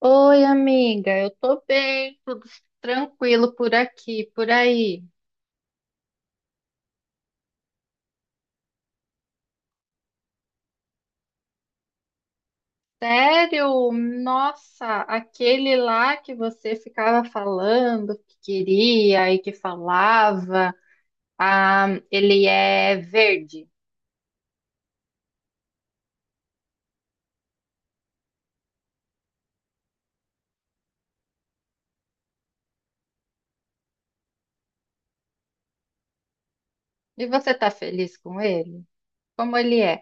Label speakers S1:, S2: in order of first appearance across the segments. S1: Oi, amiga, eu tô bem, tudo tranquilo por aqui, por aí. Sério? Nossa, aquele lá que você ficava falando que queria e que falava, ah, ele é verde. E você tá feliz com ele? Como ele é?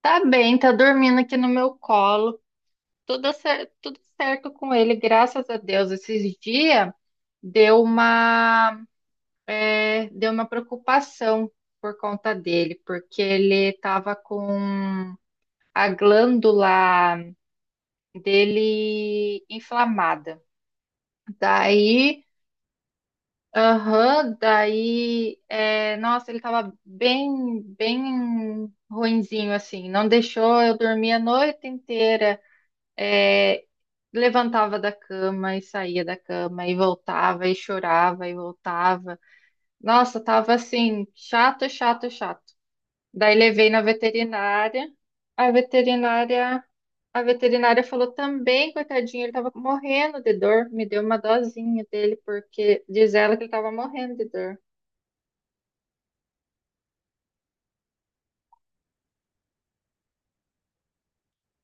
S1: Tá bem, tá dormindo aqui no meu colo, tudo certo com ele, graças a Deus. Esses dias deu uma deu uma preocupação por conta dele, porque ele estava com a glândula dele inflamada. Daí, aham, daí, é, nossa, ele estava bem ruinzinho assim. Não deixou eu dormir a noite inteira. É, Levantava da cama e saía da cama e voltava e chorava e voltava. Nossa, tava assim, chato. Daí levei na veterinária. A veterinária, a veterinária falou também, coitadinho, ele estava morrendo de dor. Me deu uma dosinha dele, porque diz ela que ele estava morrendo de dor.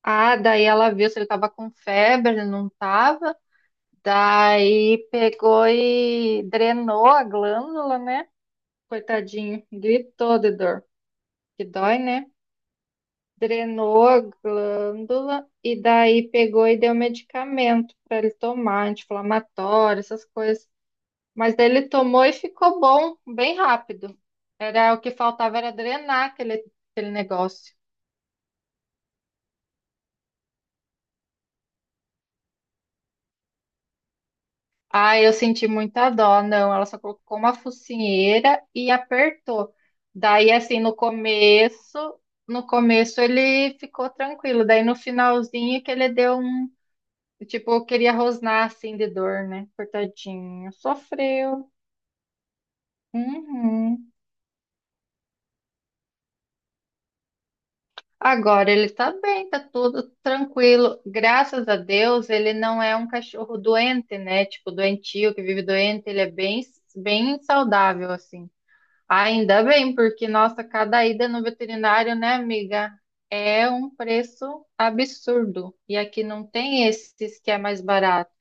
S1: Ah, daí ela viu se ele estava com febre, ele não estava. Daí pegou e drenou a glândula, né? Coitadinho, gritou de dor, que dói, né? Drenou a glândula e daí pegou e deu medicamento para ele tomar, anti-inflamatório, essas coisas. Mas ele tomou e ficou bom, bem rápido. Era o que faltava era drenar aquele negócio. Ah, eu senti muita dó, não. Ela só colocou uma focinheira e apertou. Daí, assim, no começo ele ficou tranquilo. Daí no finalzinho que ele deu um, tipo, queria rosnar assim de dor, né? Coitadinho, sofreu. Uhum. Agora ele tá bem, tá tudo tranquilo. Graças a Deus, ele não é um cachorro doente, né? Tipo, doentio, que vive doente, bem saudável, assim. Ainda bem, porque, nossa, cada ida no veterinário, né, amiga, é um preço absurdo. E aqui não tem esses que é mais barato.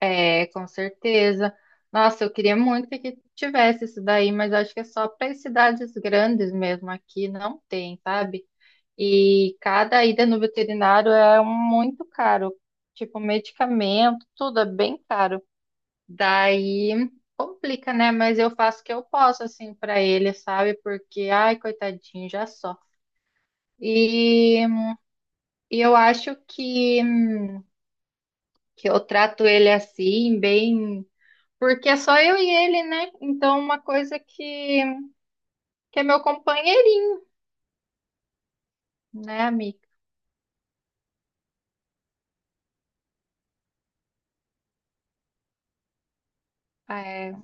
S1: É, com certeza. Nossa, eu queria muito que aqui tivesse isso daí, mas acho que é só para cidades grandes mesmo. Aqui não tem, sabe? E cada ida no veterinário muito caro. Tipo, medicamento, tudo é bem caro. Daí complica, né? Mas eu faço o que eu posso, assim, pra ele, sabe? Porque, ai, coitadinho, já só. E, e eu acho que eu trato ele assim, bem. Porque é só eu e ele, né? Então, uma coisa que é meu companheirinho, né, amiga? É.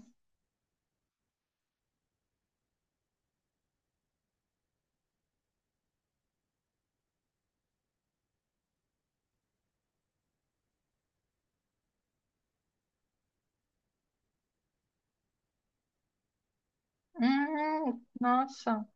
S1: Nossa.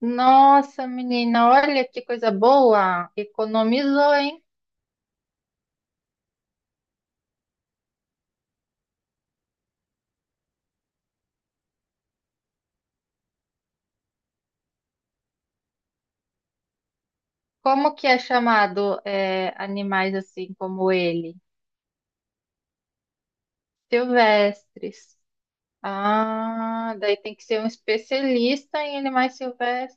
S1: Nossa, menina, olha que coisa boa! Economizou, hein? Como que é chamado, é, animais assim como ele? Silvestres. Ah, daí tem que ser um especialista em animais silvestres.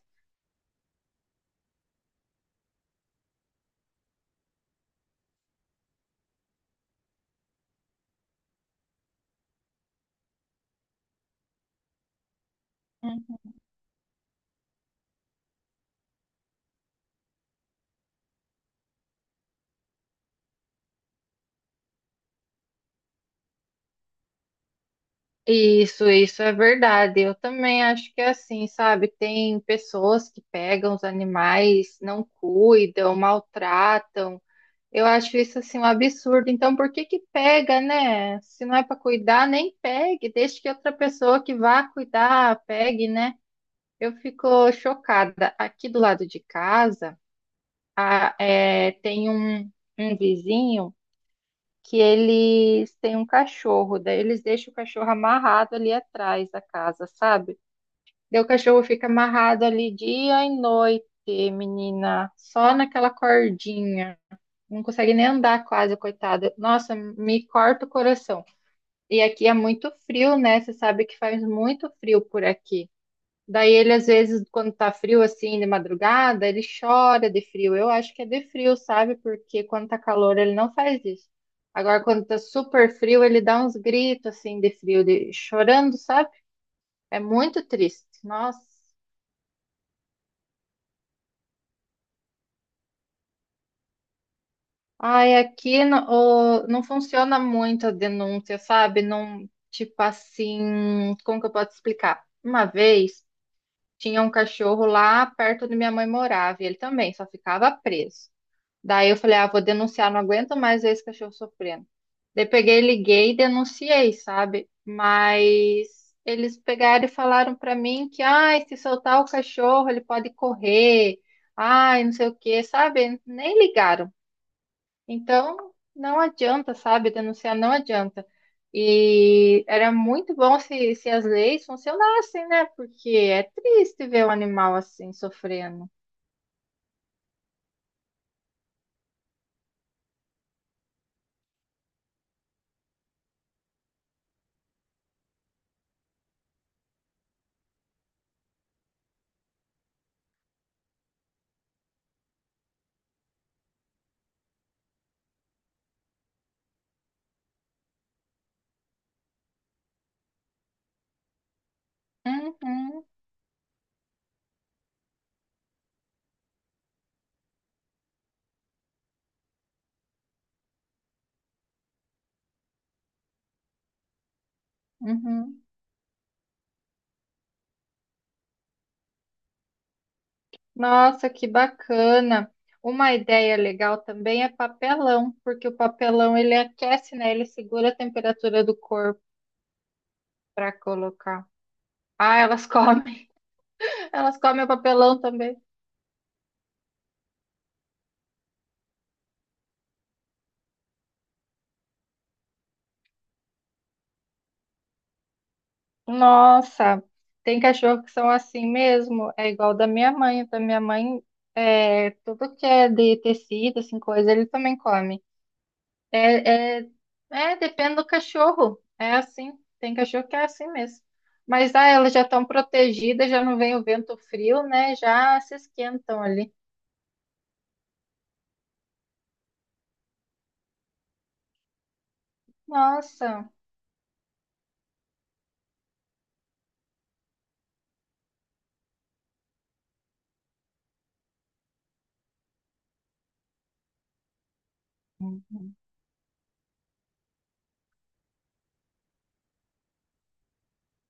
S1: Isso é verdade. Eu também acho que é assim, sabe? Tem pessoas que pegam os animais, não cuidam, maltratam. Eu acho isso assim um absurdo. Então, por que que pega, né? Se não é para cuidar, nem pegue. Deixe que outra pessoa que vá cuidar pegue, né? Eu fico chocada. Aqui do lado de casa, tem um vizinho que eles têm um cachorro. Daí eles deixam o cachorro amarrado ali atrás da casa, sabe? Daí o cachorro fica amarrado ali dia e noite, menina, só naquela cordinha não consegue nem andar quase, coitada. Nossa, me corta o coração. E aqui é muito frio, né? Você sabe que faz muito frio por aqui. Daí ele, às vezes, quando tá frio assim, de madrugada, ele chora de frio. Eu acho que é de frio, sabe? Porque quando tá calor, ele não faz isso. Agora, quando tá super frio, ele dá uns gritos assim de frio, de chorando, sabe? É muito triste. Nossa. Ai, aqui no- o- não funciona muito a denúncia, sabe? Não, tipo assim, como que eu posso explicar? Uma vez tinha um cachorro lá perto onde minha mãe morava, e ele também só ficava preso. Daí eu falei, ah, vou denunciar, não aguento mais ver esse cachorro sofrendo. Daí peguei, liguei e denunciei, sabe? Mas eles pegaram e falaram pra mim que, ai, se soltar o cachorro, ele pode correr. Ai, não sei o quê, sabe? Nem ligaram então, não adianta, sabe? Denunciar não adianta. E era muito bom se as leis funcionassem, né? Porque é triste ver o animal assim sofrendo. Uhum, uhum. Nossa, que bacana. Uma ideia legal também é papelão, porque o papelão ele aquece, né? Ele segura a temperatura do corpo para colocar. Ah, elas comem. Elas comem o papelão também. Nossa, tem cachorro que são assim mesmo. É igual da minha mãe. Da minha mãe, é, tudo que é de tecido, assim, coisa, ele também come. É, é, É, depende do cachorro. É assim. Tem cachorro que é assim mesmo. Mas ah, elas já estão protegidas, já não vem o vento frio, né? Já se esquentam ali. Nossa,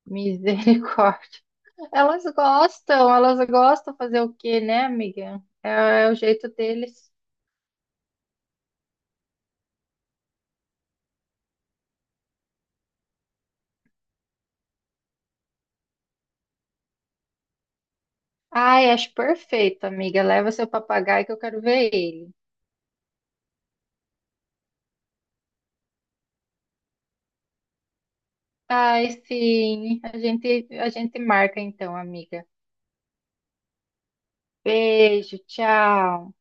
S1: misericórdia. Elas gostam fazer o quê, né, amiga? É, é o jeito deles. Ai, acho perfeito, amiga. Leva seu papagaio que eu quero ver ele. Ai, sim. A gente marca então, amiga. Beijo, tchau.